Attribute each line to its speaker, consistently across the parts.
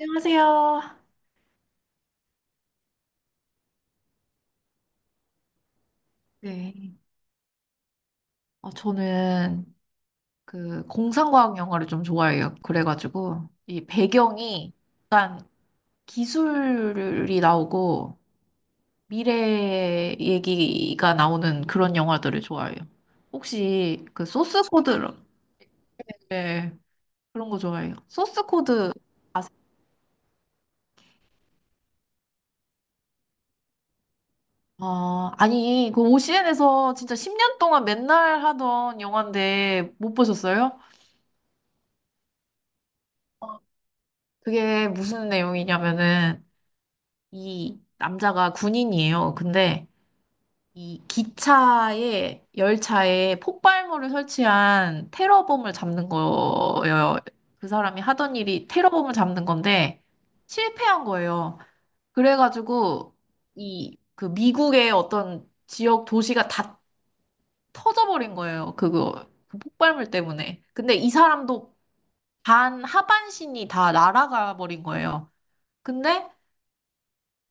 Speaker 1: 안녕하세요. 네. 저는 그 공상과학 영화를 좀 좋아해요. 그래가지고 이 배경이 약간 기술이 나오고 미래 얘기가 나오는 그런 영화들을 좋아해요. 혹시 그 소스 코드. 네, 그런 거 좋아해요. 소스 코드 아세요? 아, 아니 그 OCN에서 진짜 10년 동안 맨날 하던 영화인데 못 보셨어요? 그게 무슨 내용이냐면은 이 남자가 군인이에요. 근데 이 기차에 열차에 폭발물을 설치한 테러범을 잡는 거예요. 그 사람이 하던 일이 테러범을 잡는 건데 실패한 거예요. 그래가지고 이 그 미국의 어떤 지역 도시가 다 터져버린 거예요. 그거 그 폭발물 때문에. 근데 이 사람도 반 하반신이 다 날아가 버린 거예요. 근데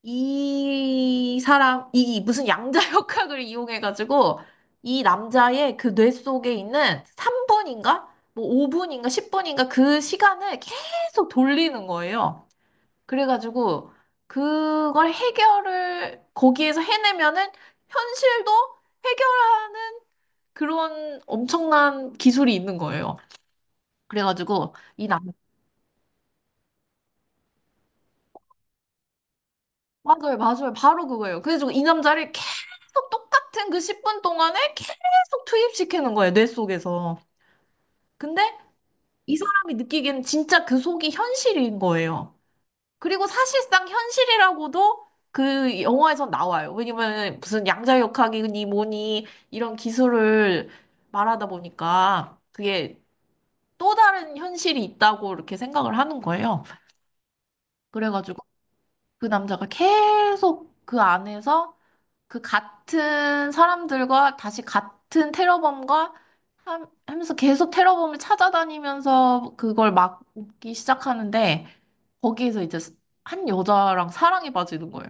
Speaker 1: 이 사람, 이 무슨 양자 역학을 이용해가지고 이 남자의 그 뇌 속에 있는 3분인가? 뭐 5분인가? 10분인가? 그 시간을 계속 돌리는 거예요. 그래가지고 그걸 해결을 거기에서 해내면은 현실도 해결하는 그런 엄청난 기술이 있는 거예요. 그래가지고 맞아요, 맞아요. 바로 그거예요. 그래서 이 남자를 계속 똑같은 그 10분 동안에 계속 투입시키는 거예요, 뇌 속에서. 근데 이 사람이 느끼기에는 진짜 그 속이 현실인 거예요. 그리고 사실상 현실이라고도 그 영화에서 나와요. 왜냐면 무슨 양자역학이니 뭐니 이런 기술을 말하다 보니까 그게 또 다른 현실이 있다고 이렇게 생각을 하는 거예요. 그래가지고 그 남자가 계속 그 안에서 그 같은 사람들과 다시 같은 테러범과 하면서 계속 테러범을 찾아다니면서 그걸 막기 시작하는데 거기에서 이제 한 여자랑 사랑에 빠지는 거예요.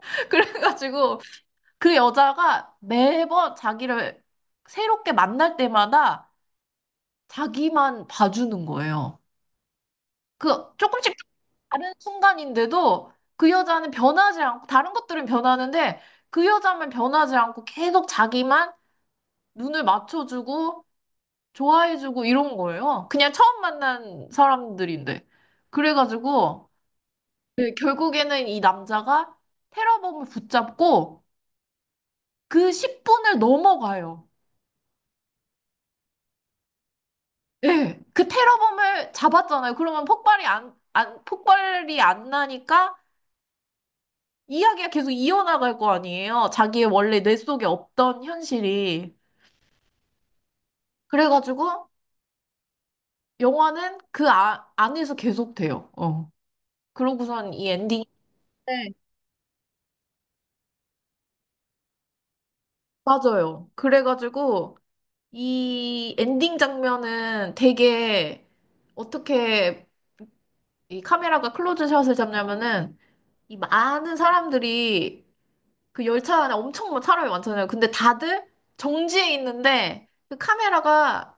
Speaker 1: 그래가지고 그 여자가 매번 자기를 새롭게 만날 때마다 자기만 봐주는 거예요. 그 조금씩 다른 순간인데도 그 여자는 변하지 않고 다른 것들은 변하는데 그 여자만 변하지 않고 계속 자기만 눈을 맞춰주고 좋아해주고 이런 거예요. 그냥 처음 만난 사람들인데. 그래가지고 네, 결국에는 이 남자가 테러범을 붙잡고 그 10분을 넘어가요. 예, 그 테러범을 잡았잖아요. 그러면 폭발이 안 나니까 이야기가 계속 이어나갈 거 아니에요. 자기의 원래 뇌 속에 없던 현실이. 그래가지고 영화는 그 안에서 계속돼요. 어. 그러고선 이 엔딩. 맞아요. 그래가지고 이 엔딩 장면은 되게 어떻게 이 카메라가 클로즈샷을 잡냐면은 이 많은 사람들이 그 열차 안에 엄청 많은 사람이 많잖아요. 근데 다들 정지해 있는데 그 카메라가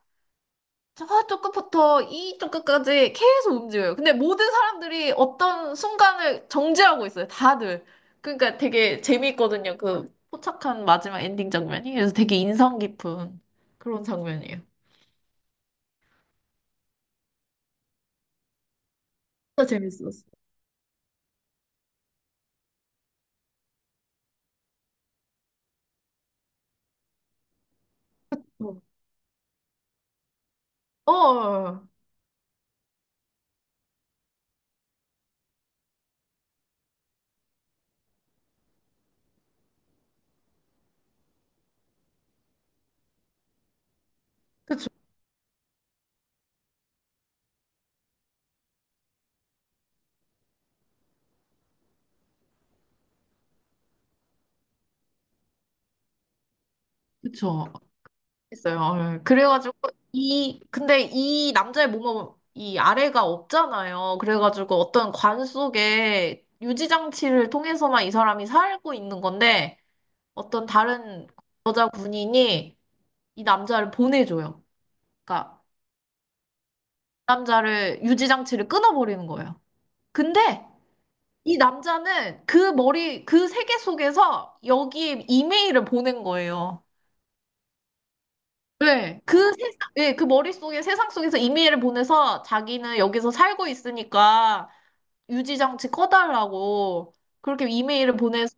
Speaker 1: 저쪽 끝부터 이쪽 끝까지 계속 움직여요. 근데 모든 사람들이 어떤 순간을 정지하고 있어요. 다들. 그러니까 되게 재미있거든요. 그 포착한 마지막 엔딩 장면이. 그래서 되게 인상 깊은 그런 장면이에요. 진짜 재밌었어. 어. 어, 어, 그쵸, 그쵸. 있어요. 그래가지고, 근데 이 남자의 몸은 이 아래가 없잖아요. 그래가지고 어떤 관 속에 유지장치를 통해서만 이 사람이 살고 있는 건데, 어떤 다른 여자 군인이 이 남자를 보내줘요. 그러니까 남자를 유지 장치를 끊어버리는 거예요. 근데 이 남자는 그 머리 그 세계 속에서 여기 이메일을 보낸 거예요. 네, 그 세상, 네, 그 머릿속에 세상 속에서 이메일을 보내서 자기는 여기서 살고 있으니까 유지 장치 꺼달라고 그렇게 이메일을 보내서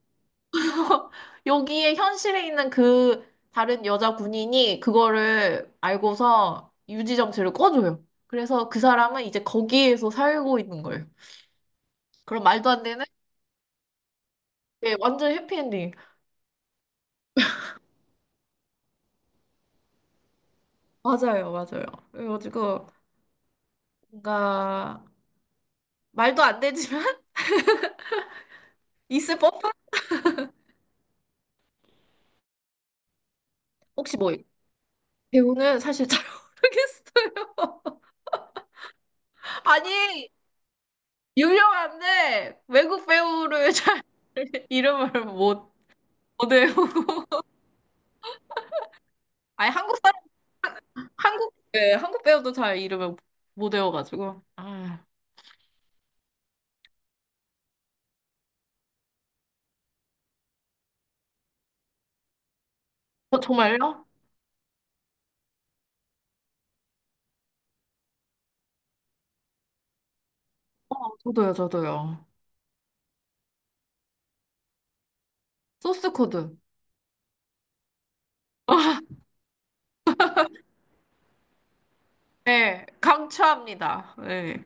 Speaker 1: 여기에 현실에 있는 그 다른 여자 군인이 그거를 알고서 유지정치를 꺼줘요. 그래서 그 사람은 이제 거기에서 살고 있는 거예요. 그럼 말도 안 되는? 예, 완전 해피엔딩. 맞아요, 맞아요. 그래가지고 뭔가 말도 안 되지만 있을 법한. 혹시 뭐 배우는 사실 잘 모르겠어요. 아니 유명한데 외국 배우를 잘 이름을 못 외우. 아니 한국, 네, 한국 배우도 잘 이름을 못 외워가지고. 아, 어, 정말요? 저도요, 저도요. 소스 코드. 네, 강추합니다. 네.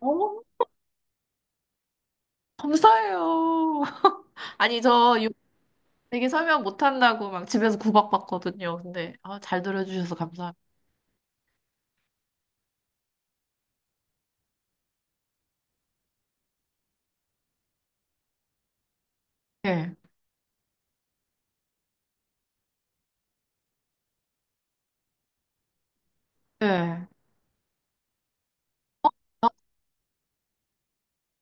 Speaker 1: 어, 감사해요. 아니, 저 되게 설명 못한다고 막 집에서 구박받거든요. 근데, 아, 잘 들어주셔서 감사합니다. 네, 네. 아,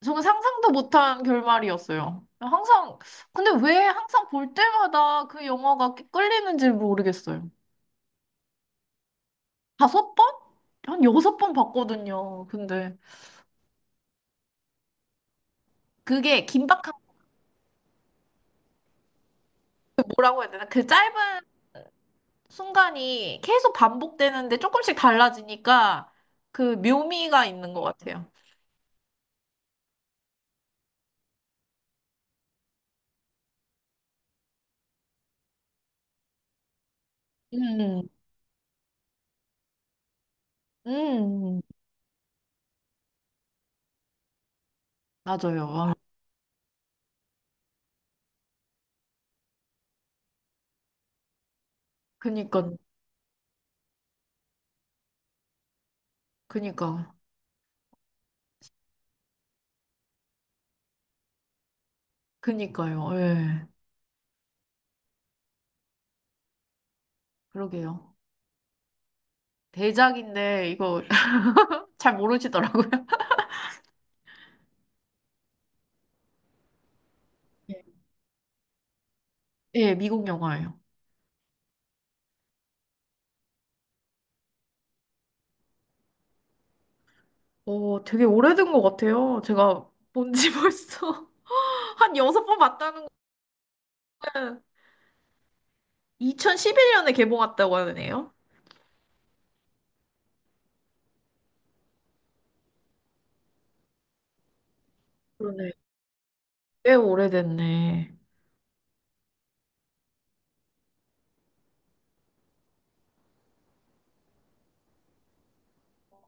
Speaker 1: 저는 상상도 못한 결말이었어요. 근데 왜 항상 볼 때마다 그 영화가 끌리는지 모르겠어요. 다섯 번? 한 여섯 번 봤거든요. 근데 그게 긴박한. 뭐라고 해야 되나? 그 짧은 순간이 계속 반복되는데 조금씩 달라지니까 그 묘미가 있는 것 같아요. 음, 음, 맞아요. 아, 그니까, 그니까, 그니까요. 예, 그러게요. 대작인데 이거 잘 모르시더라고요. 예, 예, 미국 영화예요. 되게 오래된 것 같아요. 제가 본지 벌써 한 여섯 번 봤다는 거예요. 2011년에 개봉했다고 하네요. 그러네. 꽤 오래됐네.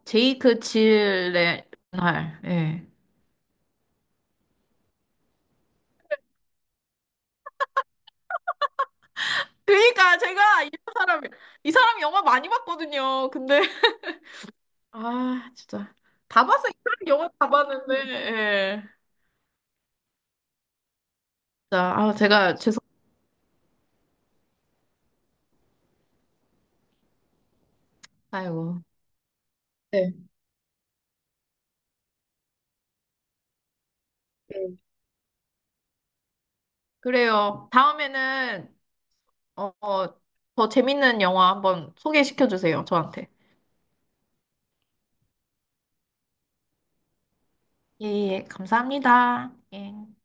Speaker 1: 제이크 질레날. 예. 그러니까 제가 사람이 이 사람 영화 많이 봤거든요. 근데 아, 진짜. 다 봤어 이 사람 영화 다 봤는데. 예. 자, 아, 제가 죄송합니. 네. 네. 그래요. 다음에는 어, 어, 더 재밌는 영화 한번 소개시켜 주세요. 저한테. 예, 예. 감사합니다. 예.